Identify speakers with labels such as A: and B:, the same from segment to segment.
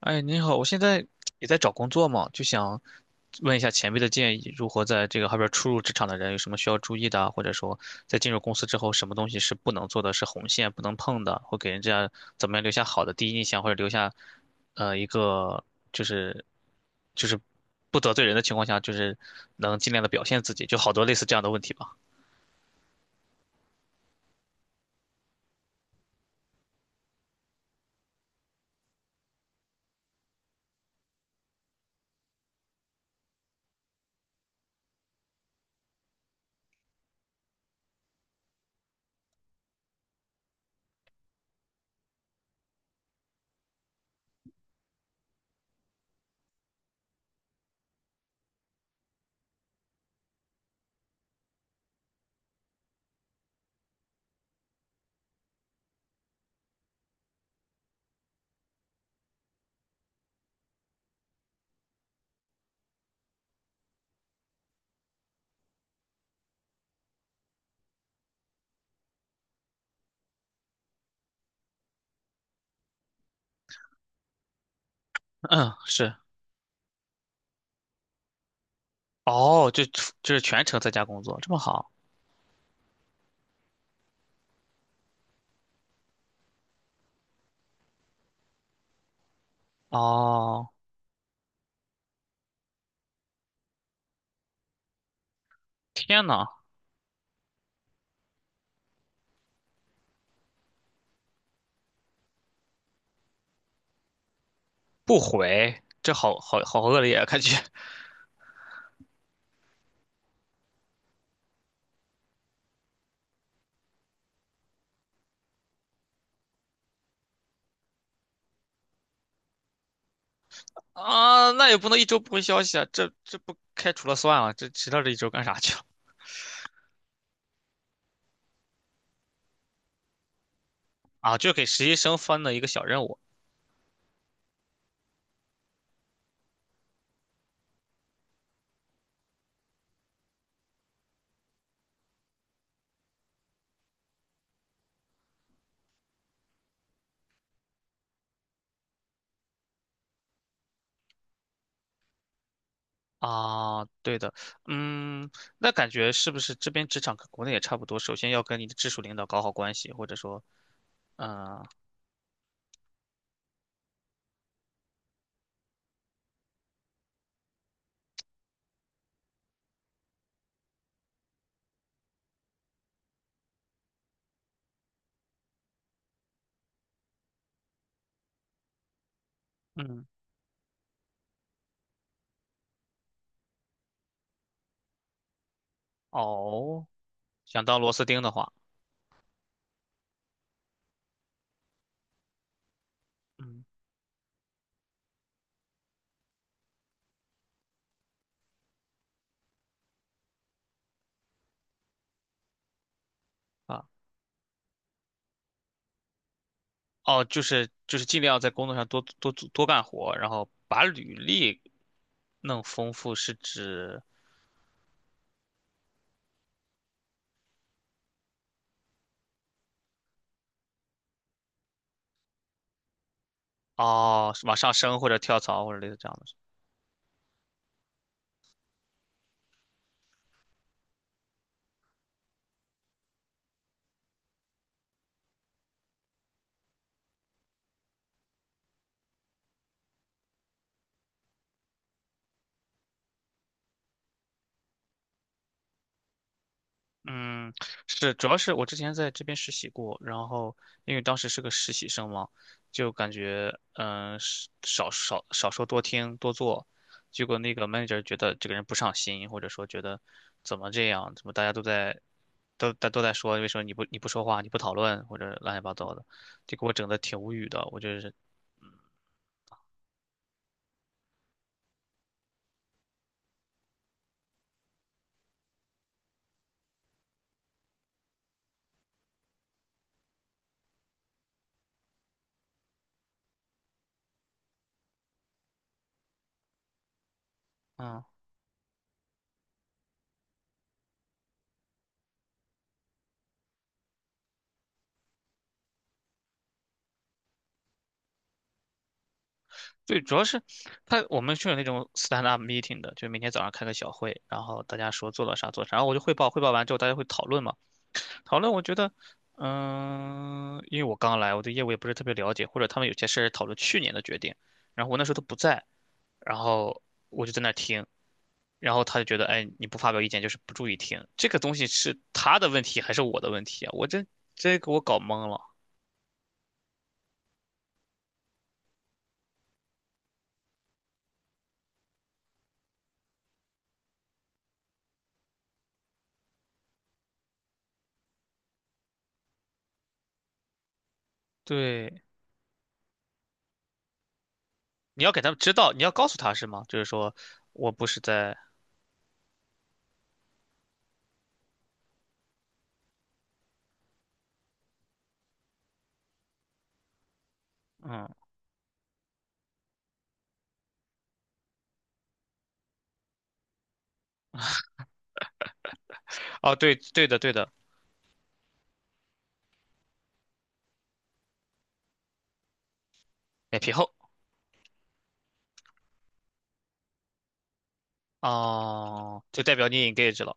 A: 哎，您好，我现在也在找工作嘛，就想问一下前辈的建议，如何在这个后边初入职场的人有什么需要注意的啊或者说在进入公司之后，什么东西是不能做的，是红线不能碰的，会给人家怎么样留下好的第一印象，或者留下一个就是就是不得罪人的情况下，就是能尽量的表现自己，就好多类似这样的问题吧。嗯，是，哦，就是全程在家工作，这么好，哦，天呐！不回，这好恶劣啊，感觉啊，那也不能一周不回消息啊，这不开除了算了，这迟到这一周干啥去了啊？就给实习生分了一个小任务啊，对的，嗯，那感觉是不是这边职场跟国内也差不多？首先要跟你的直属领导搞好关系，或者说，嗯、嗯，哦，想当螺丝钉的话，嗯啊，哦，就是尽量在工作上多多干活，然后把履历弄丰富，是指。哦，是往上升或者跳槽或者类似这样的。嗯，是，主要是我之前在这边实习过，然后因为当时是个实习生嘛，就感觉是少说多听多做，结果那个 manager 觉得这个人不上心，或者说觉得怎么这样，怎么大家都在都大都在说，为什么你不说话，你不讨论或者乱七八糟的，就给我整的挺无语的，我就是嗯。对，主要是我们是有那种 stand up meeting 的，就是每天早上开个小会，然后大家说做了啥做啥，然后我就汇报，汇报完之后大家会讨论嘛。讨论我觉得，因为我刚来，我对业务也不是特别了解，或者他们有些事儿讨论去年的决定，然后我那时候都不在，然后我就在那儿听，然后他就觉得，哎，你不发表意见就是不注意听，这个东西是他的问题还是我的问题啊？这给我搞懵了。对，你要给他们知道，你要告诉他是吗？就是说我不是在。嗯。哦，对对的对的，脸皮厚哦，就代表你 engage 了。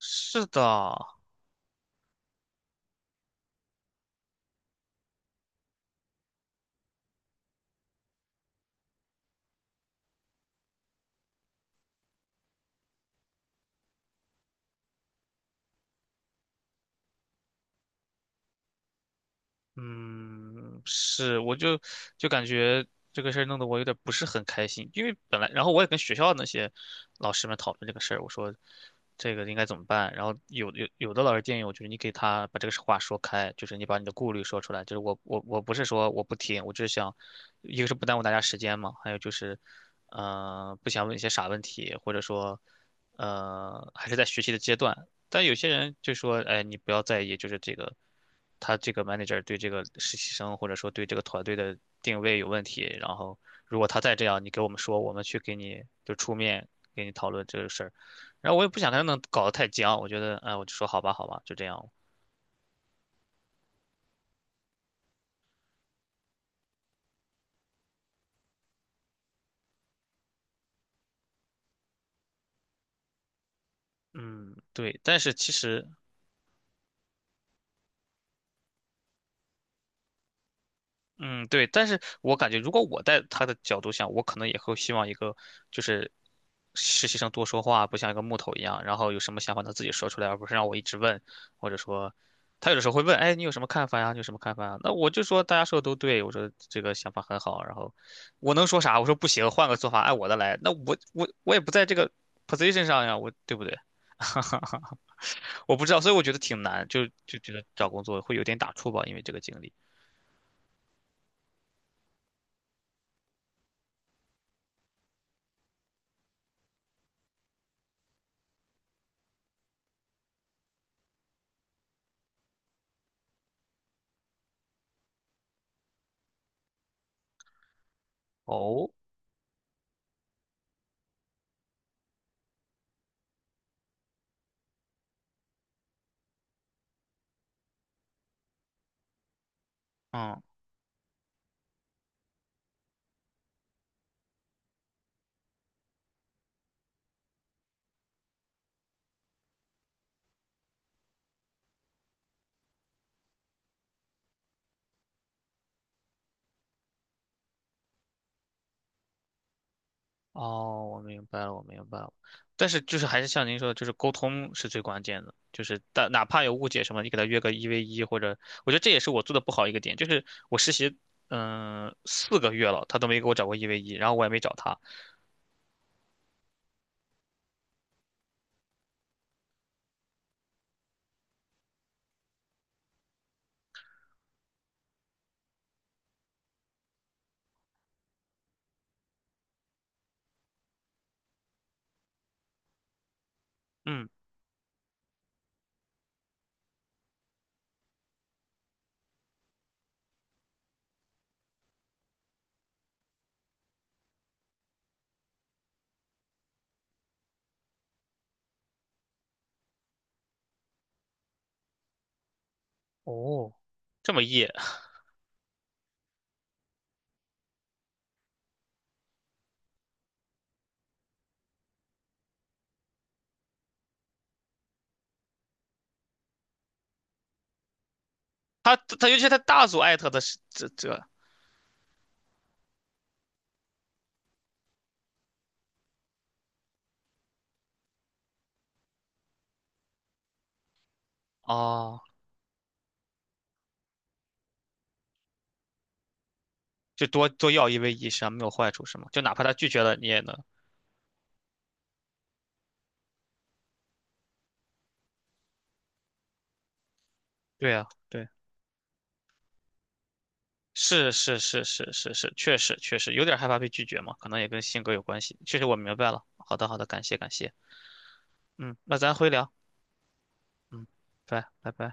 A: 是的，嗯，是，我就感觉这个事儿弄得我有点不是很开心，因为本来，然后我也跟学校那些老师们讨论这个事儿，我说这个应该怎么办，然后有的老师建议我，就是你给他把这个话说开，就是你把你的顾虑说出来，就是我不是说我不听，我就是想，一个是不耽误大家时间嘛，还有就是，不想问一些傻问题，或者说，还是在学习的阶段，但有些人就说，哎，你不要在意，就是这个他这个 manager 对这个实习生或者说对这个团队的定位有问题，然后如果他再这样，你给我们说，我们去给你就出面给你讨论这个事儿。然后我也不想跟他们搞得太僵，我觉得，哎，我就说好吧，好吧，就这样。嗯，对，但是其实嗯，对，但是我感觉如果我在他的角度想，我可能也会希望一个就是实习生多说话，不像一个木头一样，然后有什么想法他自己说出来，而不是让我一直问，或者说他有的时候会问，哎，你有什么看法呀？你有什么看法呀？那我就说大家说的都对，我说这个想法很好，然后我能说啥？我说不行，换个做法，按我的来。那我也不在这个 position 上呀，我对不对？我不知道，所以我觉得挺难，就觉得找工作会有点打怵吧，因为这个经历。哦，嗯。哦，我明白了，我明白了。但是就是还是像您说的，就是沟通是最关键的。就是但哪怕有误解什么，你给他约个一 v 一，或者我觉得这也是我做的不好一个点，就是我实习4个月了，他都没给我找过一 v 一，然后我也没找他。嗯，哦，这么野，他尤其是他大组艾特的是这哦，就多多要一 v 一实际上没有坏处是吗？就哪怕他拒绝了，你也能对啊。是是是是是是，确实确实有点害怕被拒绝嘛，可能也跟性格有关系。确实我明白了。好的好的，感谢感谢。嗯，那咱回聊。嗯，拜拜拜拜。